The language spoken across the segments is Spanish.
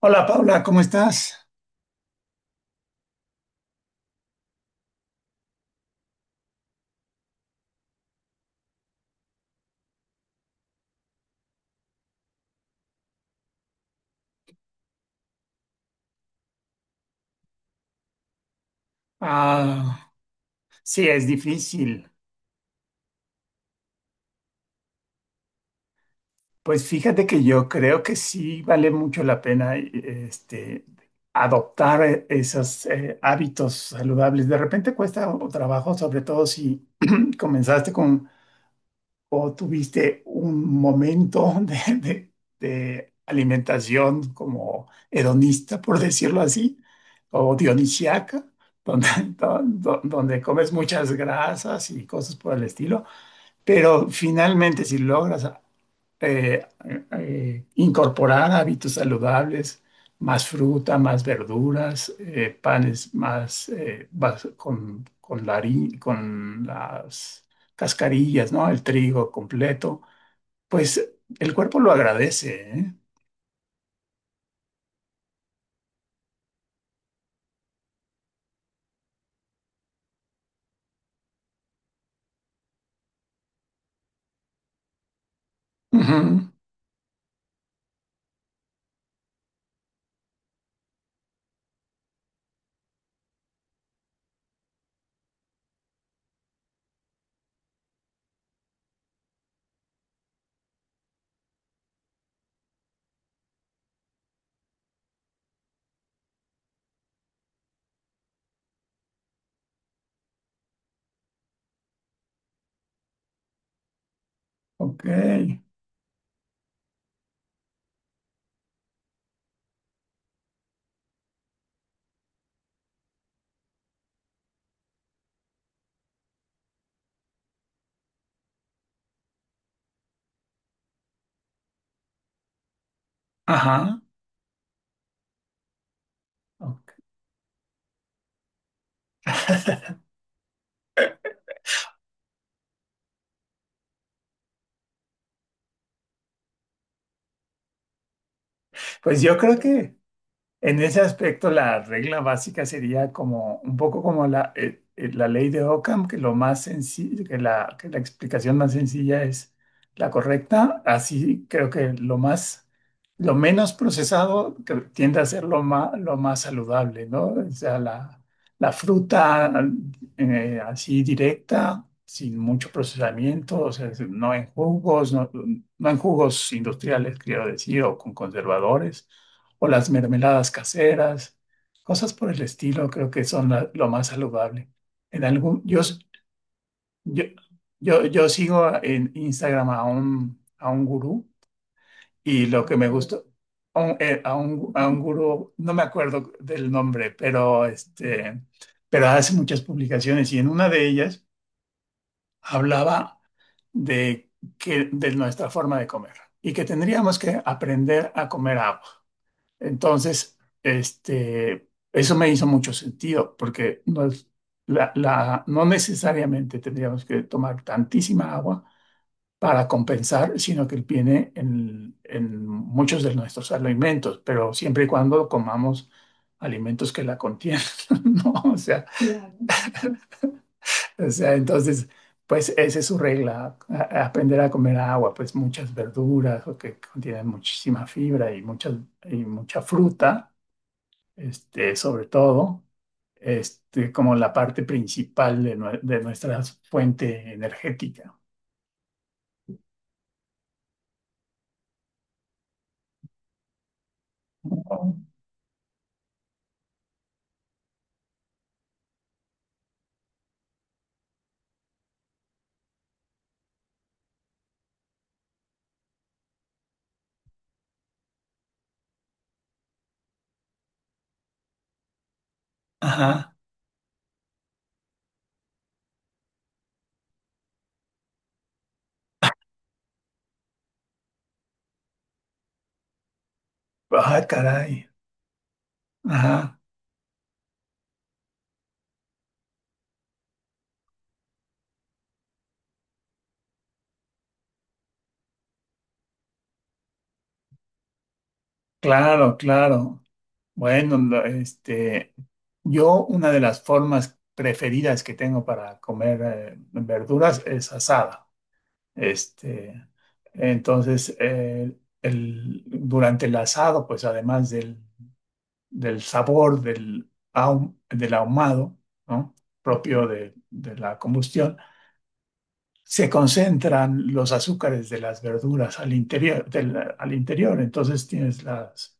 Hola Paula, ¿cómo estás? Ah, sí, es difícil. Pues fíjate que yo creo que sí vale mucho la pena adoptar esos hábitos saludables. De repente cuesta trabajo, sobre todo si comenzaste con o tuviste un momento de alimentación como hedonista, por decirlo así, o dionisiaca, donde, donde comes muchas grasas y cosas por el estilo. Pero finalmente, si logras eh, incorporar hábitos saludables, más fruta, más verduras, panes más con, la con las cascarillas, ¿no? El trigo completo, pues el cuerpo lo agradece, ¿eh? Ujú. Ok. Ajá. Ok. Pues yo creo que en ese aspecto, la regla básica sería como un poco como la, la ley de Ockham, que lo más sencillo, que la explicación más sencilla es la correcta. Así creo que lo más, lo menos procesado que tiende a ser lo más saludable, ¿no? O sea, la fruta así directa, sin mucho procesamiento, o sea, no en jugos, no en jugos industriales, quiero decir, o con conservadores o las mermeladas caseras, cosas por el estilo, creo que son lo más saludable. En algún, yo, s- yo, yo sigo en Instagram a un gurú y lo que me gustó, a un gurú, no me acuerdo del nombre, pero, pero hace muchas publicaciones y en una de ellas hablaba de, que, de nuestra forma de comer y que tendríamos que aprender a comer agua. Entonces, eso me hizo mucho sentido, porque no, no necesariamente tendríamos que tomar tantísima agua para compensar, sino que viene en muchos de nuestros alimentos, pero siempre y cuando comamos alimentos que la contienen, ¿no? O sea, Claro. O sea, entonces, pues esa es su regla, a aprender a comer agua, pues muchas verduras o que contienen muchísima fibra y, muchas, y mucha fruta sobre todo, como la parte principal de, de nuestra fuente energética. Ajá. Ah, caray. Ajá. Claro, claro. Bueno, yo una de las formas preferidas que tengo para comer verduras es asada. Este, entonces, el, durante el asado, pues además del del sabor del, del ahumado, ¿no? propio de la combustión, se concentran los azúcares de las verduras al interior, al interior. Entonces tienes las,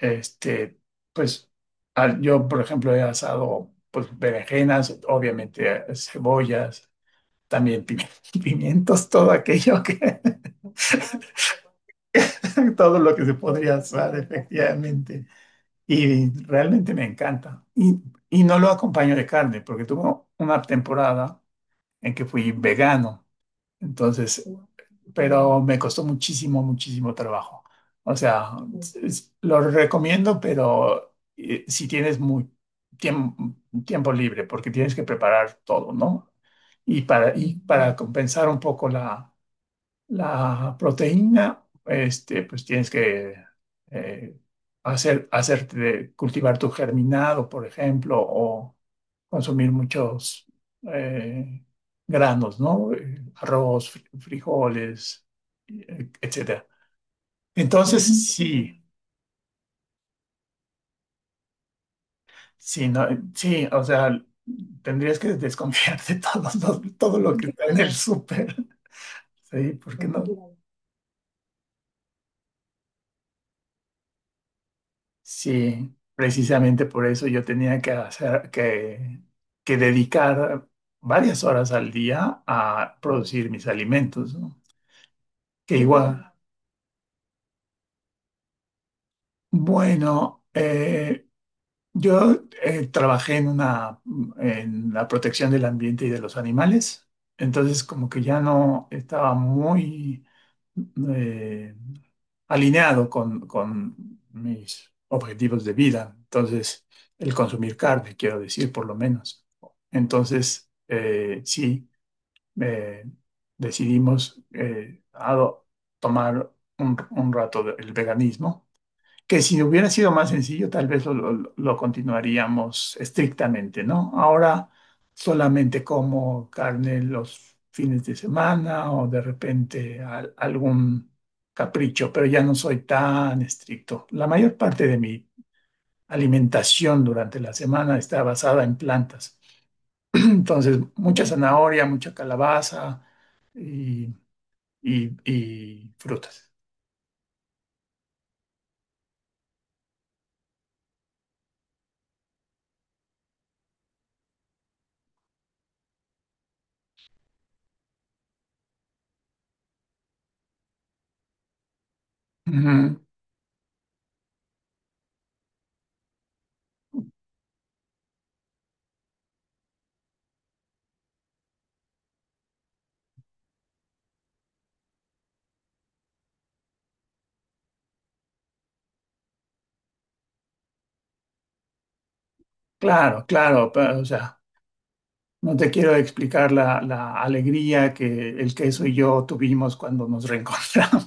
este, pues, yo, por ejemplo, he asado, pues, berenjenas, obviamente, cebollas, también pimientos, todo aquello que, todo lo que se podría asar, efectivamente. Y realmente me encanta. Y no lo acompaño de carne, porque tuve una temporada en que fui vegano. Entonces, pero me costó muchísimo, muchísimo trabajo. O sea, lo recomiendo, pero si tienes muy tiempo, tiempo libre, porque tienes que preparar todo, ¿no? Y para compensar un poco la, la proteína, pues tienes que eh, hacer, cultivar tu germinado, por ejemplo, o consumir muchos eh, granos, ¿no? Arroz, frijoles, etcétera. Entonces, ujú, sí, sí, no, sí, o sea, tendrías que desconfiar de todo lo que está en el súper, sí, porque no. Sí, precisamente por eso yo tenía que hacer que dedicar varias horas al día a producir mis alimentos, ¿no? Que igual, bueno, yo trabajé en una en la protección del ambiente y de los animales, entonces como que ya no estaba muy eh, alineado con mis objetivos de vida. Entonces, el consumir carne, quiero decir, por lo menos. Entonces, sí, eh, decidimos tomar un el veganismo que si hubiera sido más sencillo, tal vez lo continuaríamos estrictamente, ¿no? Ahora solamente como carne los fines de semana o de repente algún capricho, pero ya no soy tan estricto. La mayor parte de mi alimentación durante la semana está basada en plantas. Entonces, mucha zanahoria, mucha calabaza y, y frutas. Ujú. Claro, claro, pero, o sea. No te quiero explicar la, la alegría que el queso y yo tuvimos cuando nos reencontramos.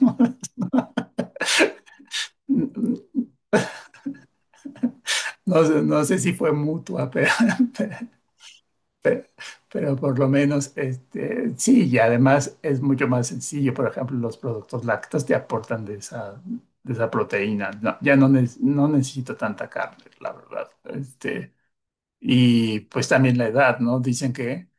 No, sé no sé si fue mutua, pero, pero, pero pero por lo menos sí, y además es mucho más sencillo. Por ejemplo, los productos lácteos te aportan de esa proteína. No, ya no, no necesito tanta carne, la verdad. Este, y pues también la edad, ¿no? Dicen que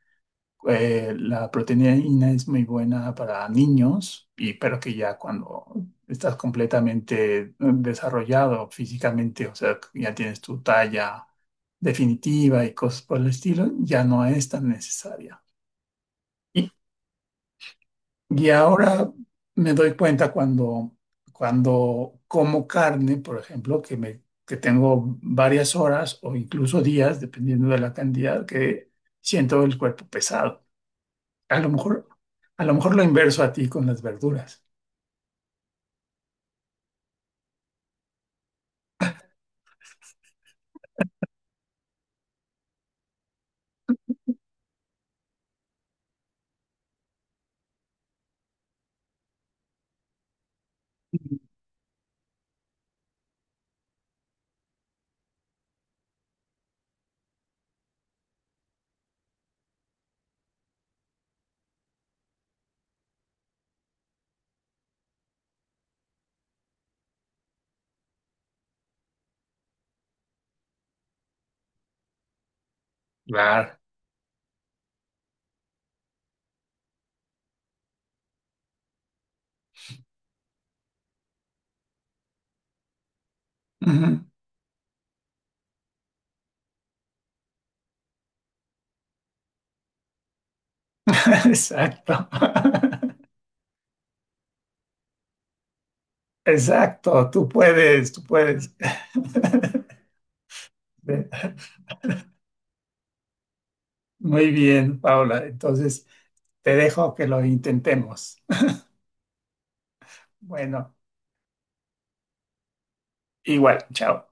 la proteína es muy buena para niños, y, pero que ya cuando estás completamente desarrollado físicamente, o sea, que ya tienes tu talla definitiva y cosas por el estilo, ya no es tan necesaria. Y, y ahora me doy cuenta cuando, cuando como carne, por ejemplo, que me, que tengo varias horas o incluso días, dependiendo de la cantidad, que siento el cuerpo pesado. A lo mejor, a lo mejor lo inverso a ti con las verduras. Claro. Ujú. Exacto. Exacto, tú puedes, tú puedes. Ve. Muy bien, Paula. Entonces, te dejo que lo intentemos. Bueno, igual, chao.